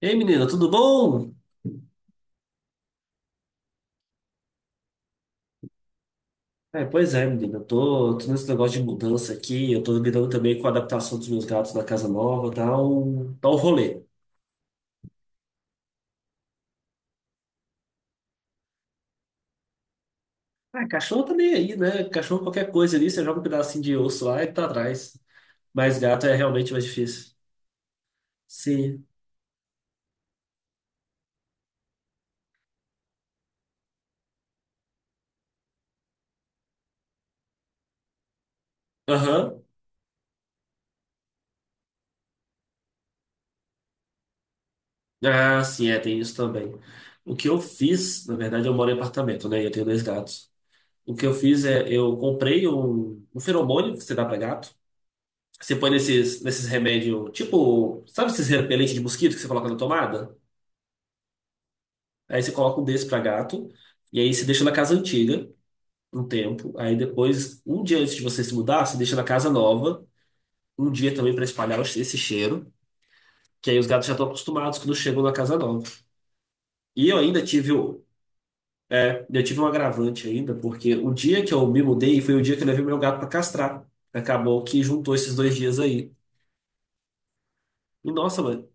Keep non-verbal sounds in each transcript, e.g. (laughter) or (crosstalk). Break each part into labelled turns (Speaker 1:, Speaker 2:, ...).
Speaker 1: Ei, menina, tudo bom? Pois é, menina, eu tô nesse negócio de mudança aqui, eu tô lidando também com a adaptação dos meus gatos na casa nova, tá um rolê. Ah, cachorro tá nem aí, né? Cachorro qualquer coisa ali, você joga um pedacinho de osso lá e tá atrás. Mas gato é realmente mais difícil. Sim. Aham. Ah, sim, é, tem isso também. O que eu fiz, na verdade, eu moro em apartamento, né? E eu tenho dois gatos. O que eu fiz é, eu comprei um feromônio que você dá pra gato. Você põe nesses remédios, tipo, sabe esses repelentes de mosquito que você coloca na tomada? Aí você coloca um desse pra gato, e aí você deixa na casa antiga um tempo. Aí depois, um dia antes de você se mudar, você deixa na casa nova, um dia também pra espalhar esse cheiro, que aí os gatos já estão acostumados quando chegam na casa nova. E eu ainda tive, eu tive um agravante ainda, porque o dia que eu me mudei foi o dia que eu levei meu gato pra castrar. Acabou que juntou esses dois dias aí. E nossa, mano,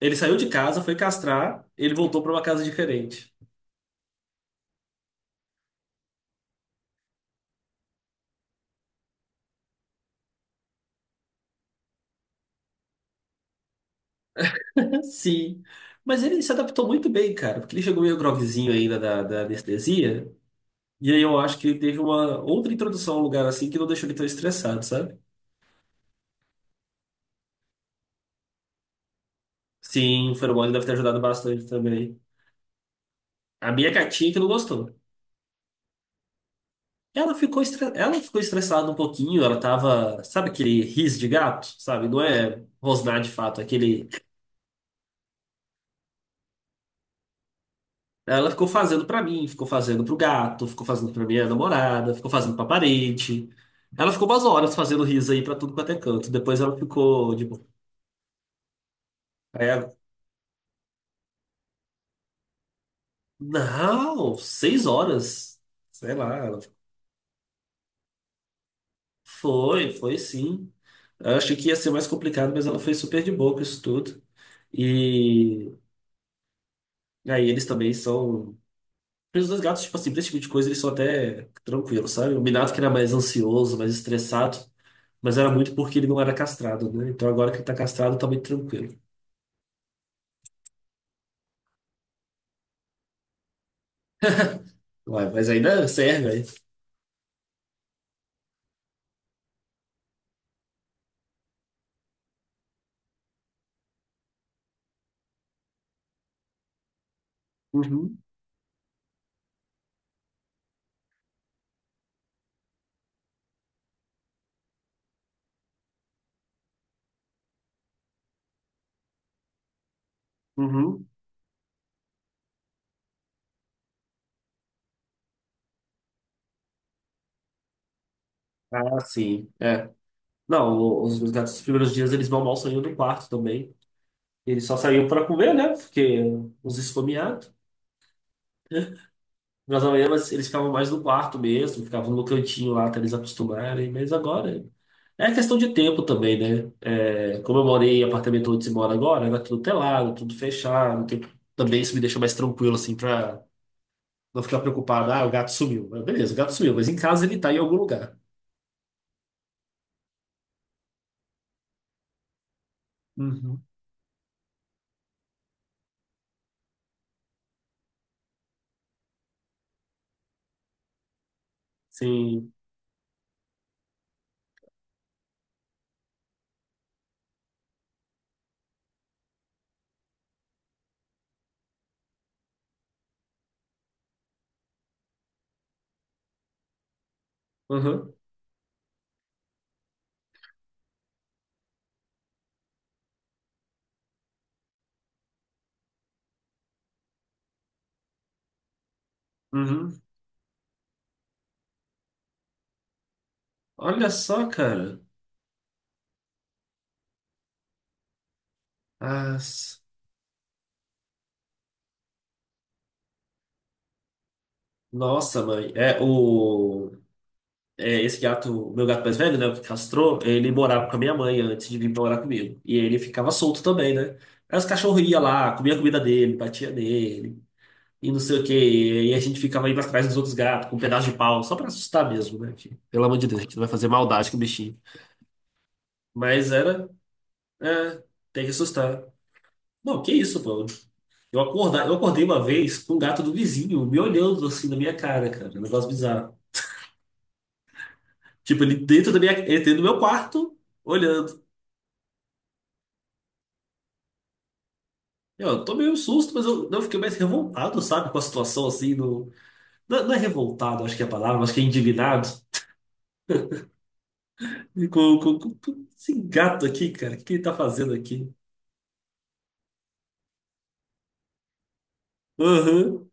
Speaker 1: ele saiu de casa, foi castrar, ele voltou para uma casa diferente. (laughs) Sim. Mas ele se adaptou muito bem, cara, porque ele chegou meio groguezinho ainda da anestesia. E aí eu acho que ele teve uma outra introdução a um lugar assim que não deixou ele tão estressado, sabe? Sim, o feromônio deve ter ajudado bastante também. A minha gatinha que não gostou. Ela ficou estressada um pouquinho, ela tava. Sabe aquele riso de gato? Sabe? Não é rosnar de fato, é aquele. Ela ficou fazendo pra mim, ficou fazendo pro gato, ficou fazendo pra minha namorada, ficou fazendo pra parede. Ela ficou umas horas fazendo riso aí pra tudo quanto é canto. Depois ela ficou de boa. Aí ela, não, 6 horas. Sei lá, ela ficou, foi sim. Eu achei que ia ser mais complicado, mas ela foi super de boa com isso tudo. E aí eles também são. Os dois gatos, tipo assim, pra esse tipo de coisa, eles são até tranquilos, sabe? O Minato que era mais ansioso, mais estressado. Mas era muito porque ele não era castrado, né? Então agora que ele tá castrado, tá muito tranquilo. Ué, mas ainda serve, aí. Uhum, uhum. Ah, sim. É. Não, o- Os meus gatos, nos primeiros dias, eles mal mal saíam do quarto também. Eles só saíam para comer, né? Porque os esfomeados. Mas eles ficavam mais no quarto mesmo, ficavam no cantinho lá até eles acostumarem. Mas agora é questão de tempo também, né? É, como eu morei em apartamento onde se mora agora, era tudo telado, tudo fechado. Também isso me deixa mais tranquilo, assim, para não ficar preocupado, ah, o gato sumiu. Mas beleza, o gato sumiu, mas em casa ele tá em algum lugar. Uhum. Sim. Uhum. Uhum. Olha só, cara. As- Nossa, mãe. Esse gato, o meu gato mais velho, né? O que castrou, ele morava com a minha mãe antes de vir morar comigo. E ele ficava solto também, né? Aí os cachorros iam lá, comia a comida dele, batia nele, e não sei o quê. E a gente ficava indo atrás dos outros gatos com um pedaço de pau, só pra assustar mesmo, né? Que, pelo amor de Deus, a gente não vai fazer maldade com o bichinho. Mas era. É, tem que assustar. Não, que isso, pô. Eu acordei uma vez com um gato do vizinho me olhando assim na minha cara, cara. Um negócio bizarro. Tipo, ele dentro do meu quarto, olhando. Eu tô meio susto, mas eu não eu fiquei mais revoltado, sabe, com a situação assim. No... Não, não é revoltado, acho que é a palavra, acho que é indignado. (laughs) Com esse gato aqui, cara, o que que ele tá fazendo aqui? Aham.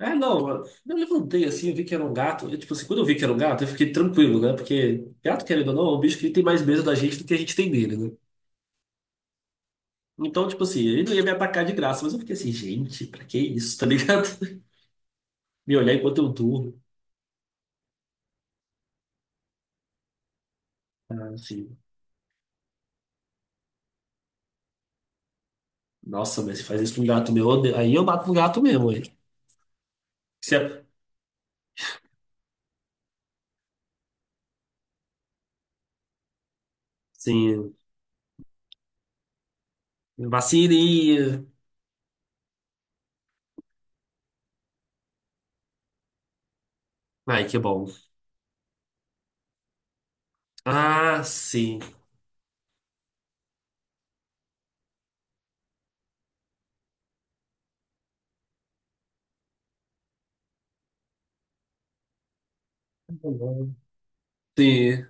Speaker 1: É, não, eu levantei assim, eu vi que era um gato. Eu, tipo assim, quando eu vi que era um gato, eu fiquei tranquilo, né? Porque gato, querendo ou não, é um bicho que tem mais medo da gente do que a gente tem dele, né? Então, tipo assim, ele não ia me atacar de graça, mas eu fiquei assim, gente, pra que isso, tá ligado? (laughs) Me olhar enquanto eu durmo. Né, assim, nossa, mas se faz isso com um gato meu, aí eu mato um gato mesmo, hein? Se é- sim, vacilinha. Ai, que bom. Ah, sim. Sim,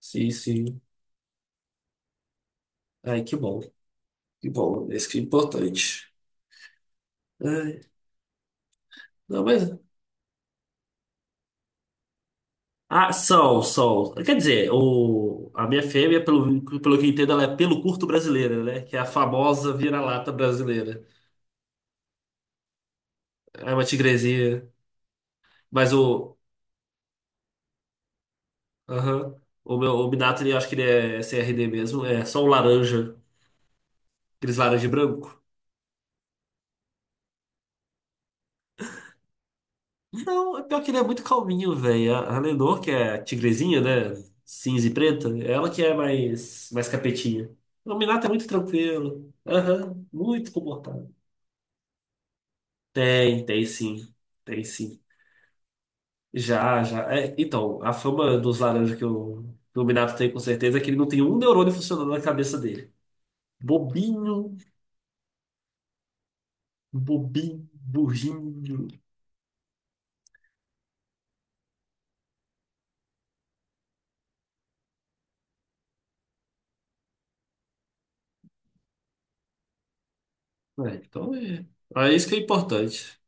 Speaker 1: sim. Ai, que bom. Que bom, isso que é importante. Ai, não, mas. Ah, são, são. Quer dizer, a minha fêmea, pelo que eu entendo, ela é pelo curto brasileira, né? Que é a famosa vira-lata brasileira. É uma tigrezinha. Mas o. Aham. o meu o Minato, ele, acho que ele é CRD mesmo. É só um laranja. Aqueles laranja e branco. Não, é pior que ele é muito calminho, velho. A Lenor, que é a tigrezinha, né? Cinza e preta, é ela que é mais capetinha. O Minato é muito tranquilo. Aham. Muito comportado. Tem, tem sim. Tem sim. Já, já. É, então, a fama dos laranjas que o Minato tem com certeza é que ele não tem um neurônio funcionando na cabeça dele. Bobinho, bobinho, burrinho. É, então é. É isso que é importante.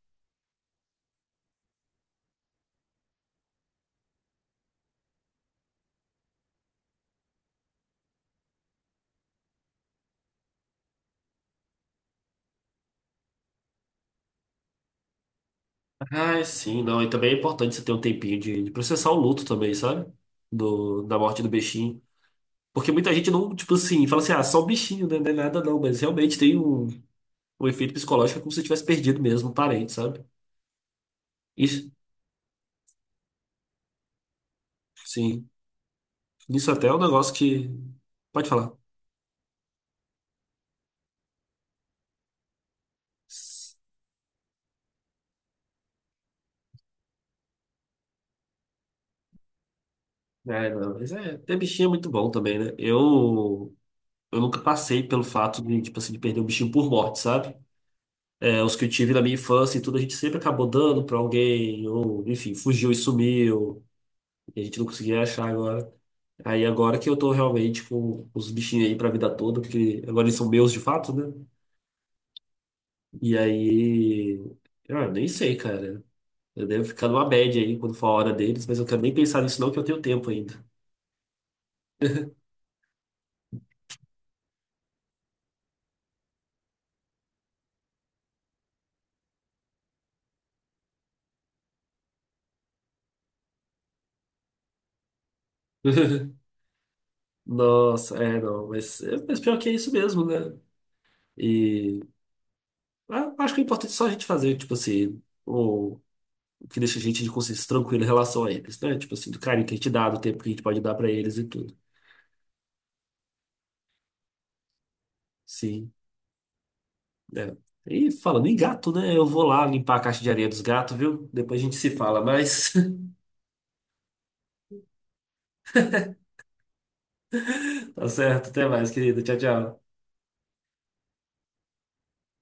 Speaker 1: Ah, sim, não. E também é importante você ter um tempinho de processar o luto também, sabe? Da morte do bichinho. Porque muita gente não, tipo assim, fala assim, ah, só o bichinho, né? Não é nada não, mas realmente tem um, um efeito psicológico é como se tivesse perdido mesmo um parente, sabe? Isso, sim. Isso até é um negócio que. Pode falar. É, não, mas é, ter bichinho é muito bom também, né? Eu nunca passei pelo fato de, tipo assim, de perder um bichinho por morte, sabe? É, os que eu tive na minha infância e tudo, a gente sempre acabou dando pra alguém, ou, enfim, fugiu e sumiu, e a gente não conseguia achar agora. Aí agora que eu tô realmente com os bichinhos aí pra vida toda, porque agora eles são meus de fato, né? E aí, ah, eu nem sei, cara. Eu devo ficar numa média aí quando for a hora deles, mas eu quero nem pensar nisso não, que eu tenho tempo ainda. (laughs) Nossa, é, não, mas, é, mas pior que é isso mesmo, né? E ah, acho que o importante é só a gente fazer, tipo assim, o, o que deixa a gente de consciência tranquila em relação a eles, né? Tipo assim, do carinho que a gente dá, do tempo que a gente pode dar pra eles e tudo. Sim, é. E falando em gato, né? Eu vou lá limpar a caixa de areia dos gatos, viu? Depois a gente se fala, mais (laughs) tá certo, até mais, querido. Tchau, tchau.